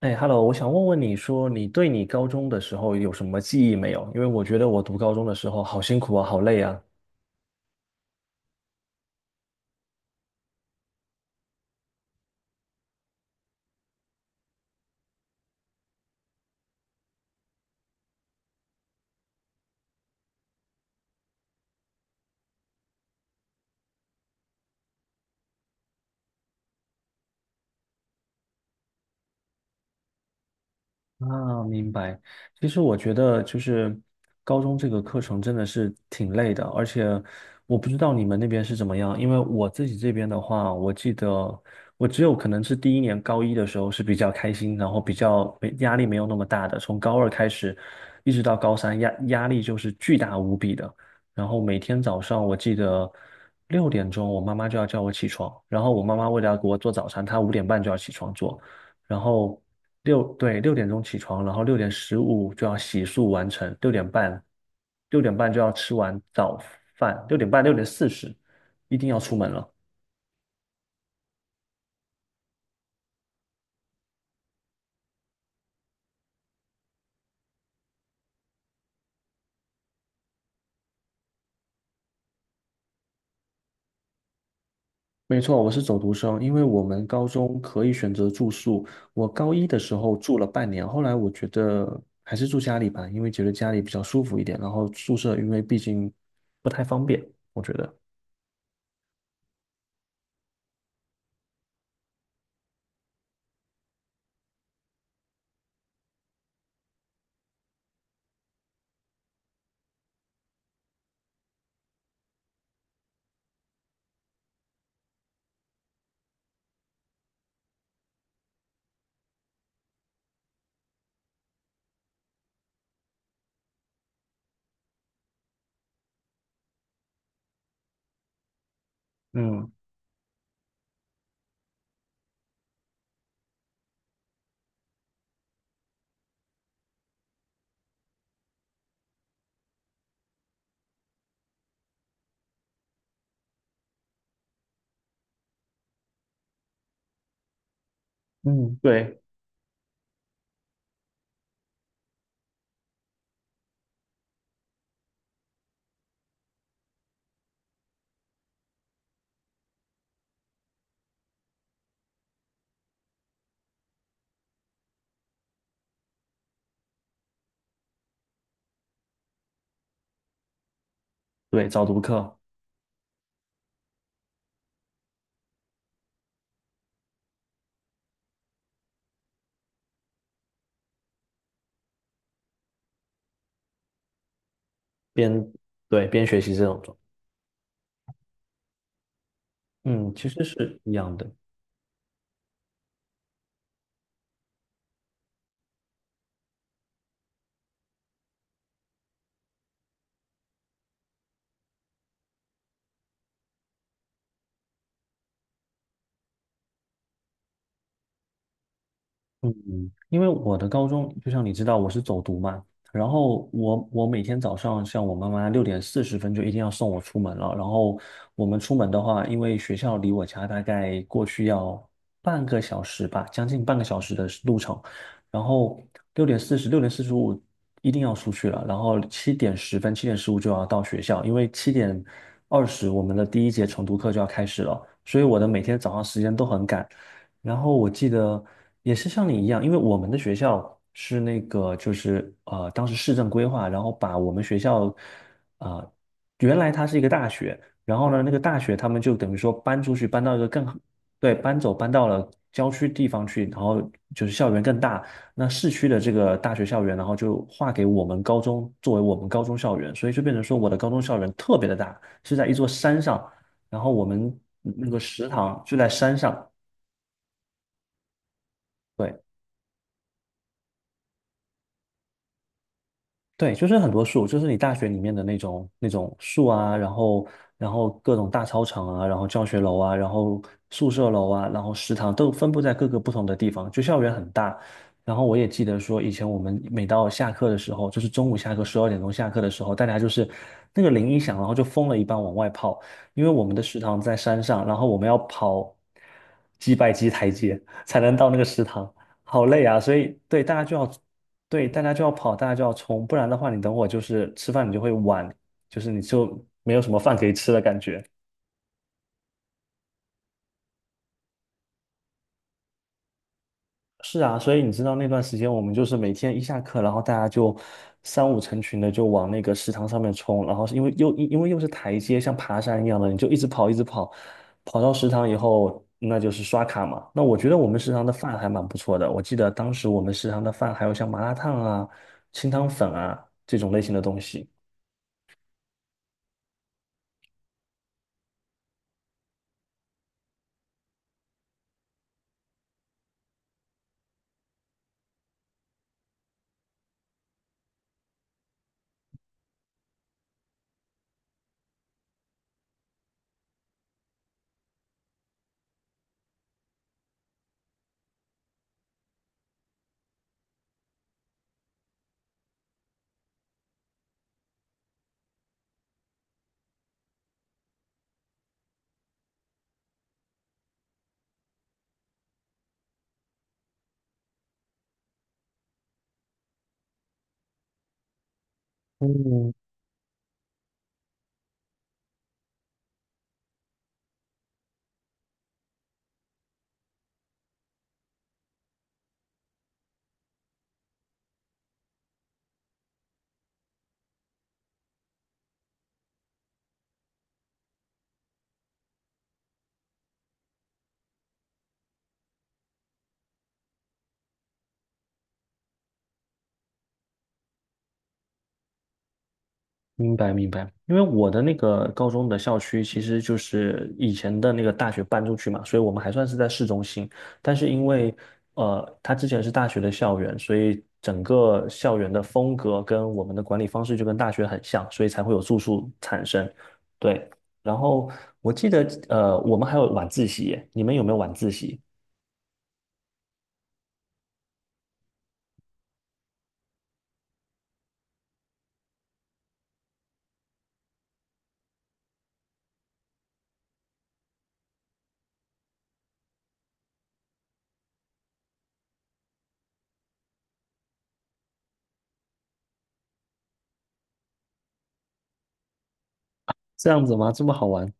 哎，Hello，我想问问你说，你对你高中的时候有什么记忆没有？因为我觉得我读高中的时候好辛苦啊，好累啊。啊，明白。其实我觉得就是高中这个课程真的是挺累的，而且我不知道你们那边是怎么样，因为我自己这边的话，我记得我只有可能是第一年高一的时候是比较开心，然后比较没压力没有那么大的，从高二开始一直到高三，压力就是巨大无比的。然后每天早上我记得六点钟，我妈妈就要叫我起床，然后我妈妈为了要给我做早餐，她5点半就要起床做。然后对，六点钟起床，然后6点15就要洗漱完成，六点半就要吃完早饭，六点半，六点四十一定要出门了。没错，我是走读生，因为我们高中可以选择住宿。我高一的时候住了半年，后来我觉得还是住家里吧，因为觉得家里比较舒服一点，然后宿舍因为毕竟不太方便，我觉得。嗯嗯，对对，早读课边对边学习这种。嗯，其实是一样的。嗯，因为我的高中，就像你知道，我是走读嘛，然后我每天早上，像我妈妈6点40分就一定要送我出门了。然后我们出门的话，因为学校离我家大概过去要半个小时吧，将近半个小时的路程。然后六点四十、6点45一定要出去了，然后7点10分、7点15就要到学校，因为7点20我们的第一节晨读课就要开始了。所以我的每天早上时间都很赶，然后我记得也是像你一样，因为我们的学校是那个就是当时市政规划，然后把我们学校啊、呃原来它是一个大学，然后呢，那个大学他们就等于说搬出去，搬到一个更好，对，搬走搬到了郊区地方去，然后就是校园更大。那市区的这个大学校园，然后就划给我们高中作为我们高中校园，所以就变成说我的高中校园特别的大，是在一座山上，然后我们那个食堂就在山上。对。对，就是很多树，就是你大学里面的那种树啊，然后各种大操场啊，然后教学楼啊，然后宿舍楼啊，然后食堂都分布在各个不同的地方，就校园很大。然后我也记得说，以前我们每到下课的时候，就是中午下课12点钟下课的时候，大家就是那个铃一响，然后就疯了一般往外跑，因为我们的食堂在山上，然后我们要跑几百级台阶才能到那个食堂，好累啊，所以对大家就要跑，大家就要冲，不然的话，你等会就是吃饭你就会晚，就是你就没有什么饭可以吃的感觉。是啊，所以你知道那段时间我们就是每天一下课，然后大家就三五成群的就往那个食堂上面冲，然后是因为又因为又是台阶，像爬山一样的，你就一直跑一直跑，跑到食堂以后，那就是刷卡嘛。那我觉得我们食堂的饭还蛮不错的，我记得当时我们食堂的饭还有像麻辣烫啊、清汤粉啊这种类型的东西。嗯，明白明白，因为我的那个高中的校区其实就是以前的那个大学搬出去嘛，所以我们还算是在市中心。但是因为它之前是大学的校园，所以整个校园的风格跟我们的管理方式就跟大学很像，所以才会有住宿产生。对，然后我记得我们还有晚自习耶，你们有没有晚自习？这样子吗？这么好玩？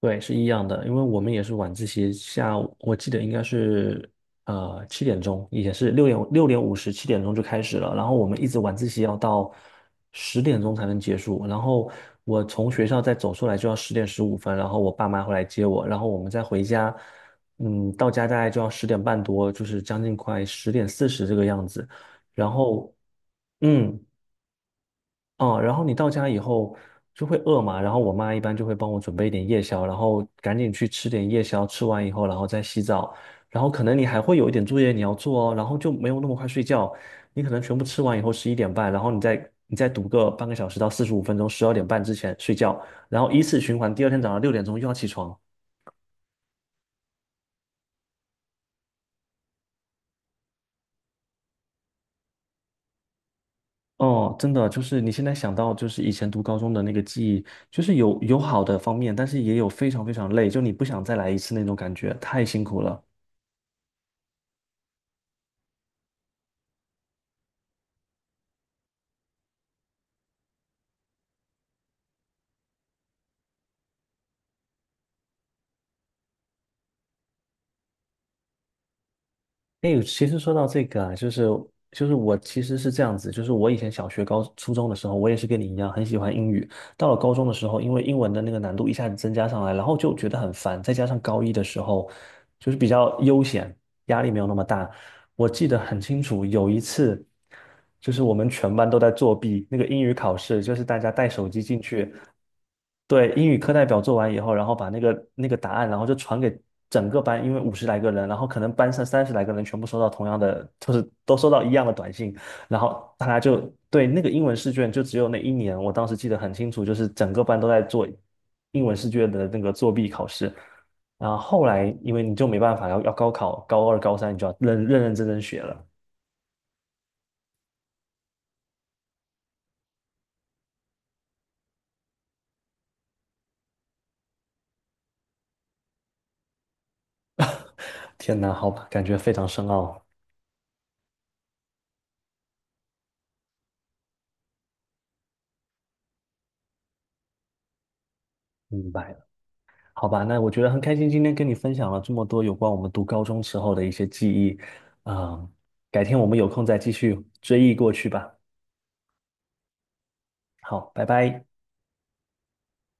对，是一样的，因为我们也是晚自习，下午我记得应该是七点钟，也是六点五十七点钟就开始了，然后我们一直晚自习要到10点钟才能结束，然后我从学校再走出来就要10点15分，然后我爸妈会来接我，然后我们再回家，嗯，到家大概就要10点半多，就是将近快10点40这个样子，然后嗯。哦，然后你到家以后就会饿嘛，然后我妈一般就会帮我准备一点夜宵，然后赶紧去吃点夜宵，吃完以后然后再洗澡，然后可能你还会有一点作业你要做哦，然后就没有那么快睡觉，你可能全部吃完以后11点半，然后你再读个半个小时到45分钟，12点半之前睡觉，然后依次循环，第二天早上六点钟又要起床。哦，真的就是你现在想到就是以前读高中的那个记忆，就是有好的方面，但是也有非常非常累，就你不想再来一次那种感觉，太辛苦了。哎，其实说到这个啊，就是我其实是这样子，就是我以前小学、高初中的时候，我也是跟你一样很喜欢英语。到了高中的时候，因为英文的那个难度一下子增加上来，然后就觉得很烦。再加上高一的时候，就是比较悠闲，压力没有那么大。我记得很清楚，有一次就是我们全班都在作弊，那个英语考试，就是大家带手机进去。对，英语课代表做完以后，然后把那个答案，然后就传给整个班，因为50来个人，然后可能班上30来个人全部收到同样的，就是都收到一样的短信，然后大家就对那个英文试卷，就只有那一年，我当时记得很清楚，就是整个班都在做英文试卷的那个作弊考试，然后后来因为你就没办法要高考，高二高三你就要认认认真真学了，天哪，好吧，感觉非常深奥，明白。好吧，那我觉得很开心，今天跟你分享了这么多有关我们读高中时候的一些记忆，嗯，改天我们有空再继续追忆过去吧。好，拜拜。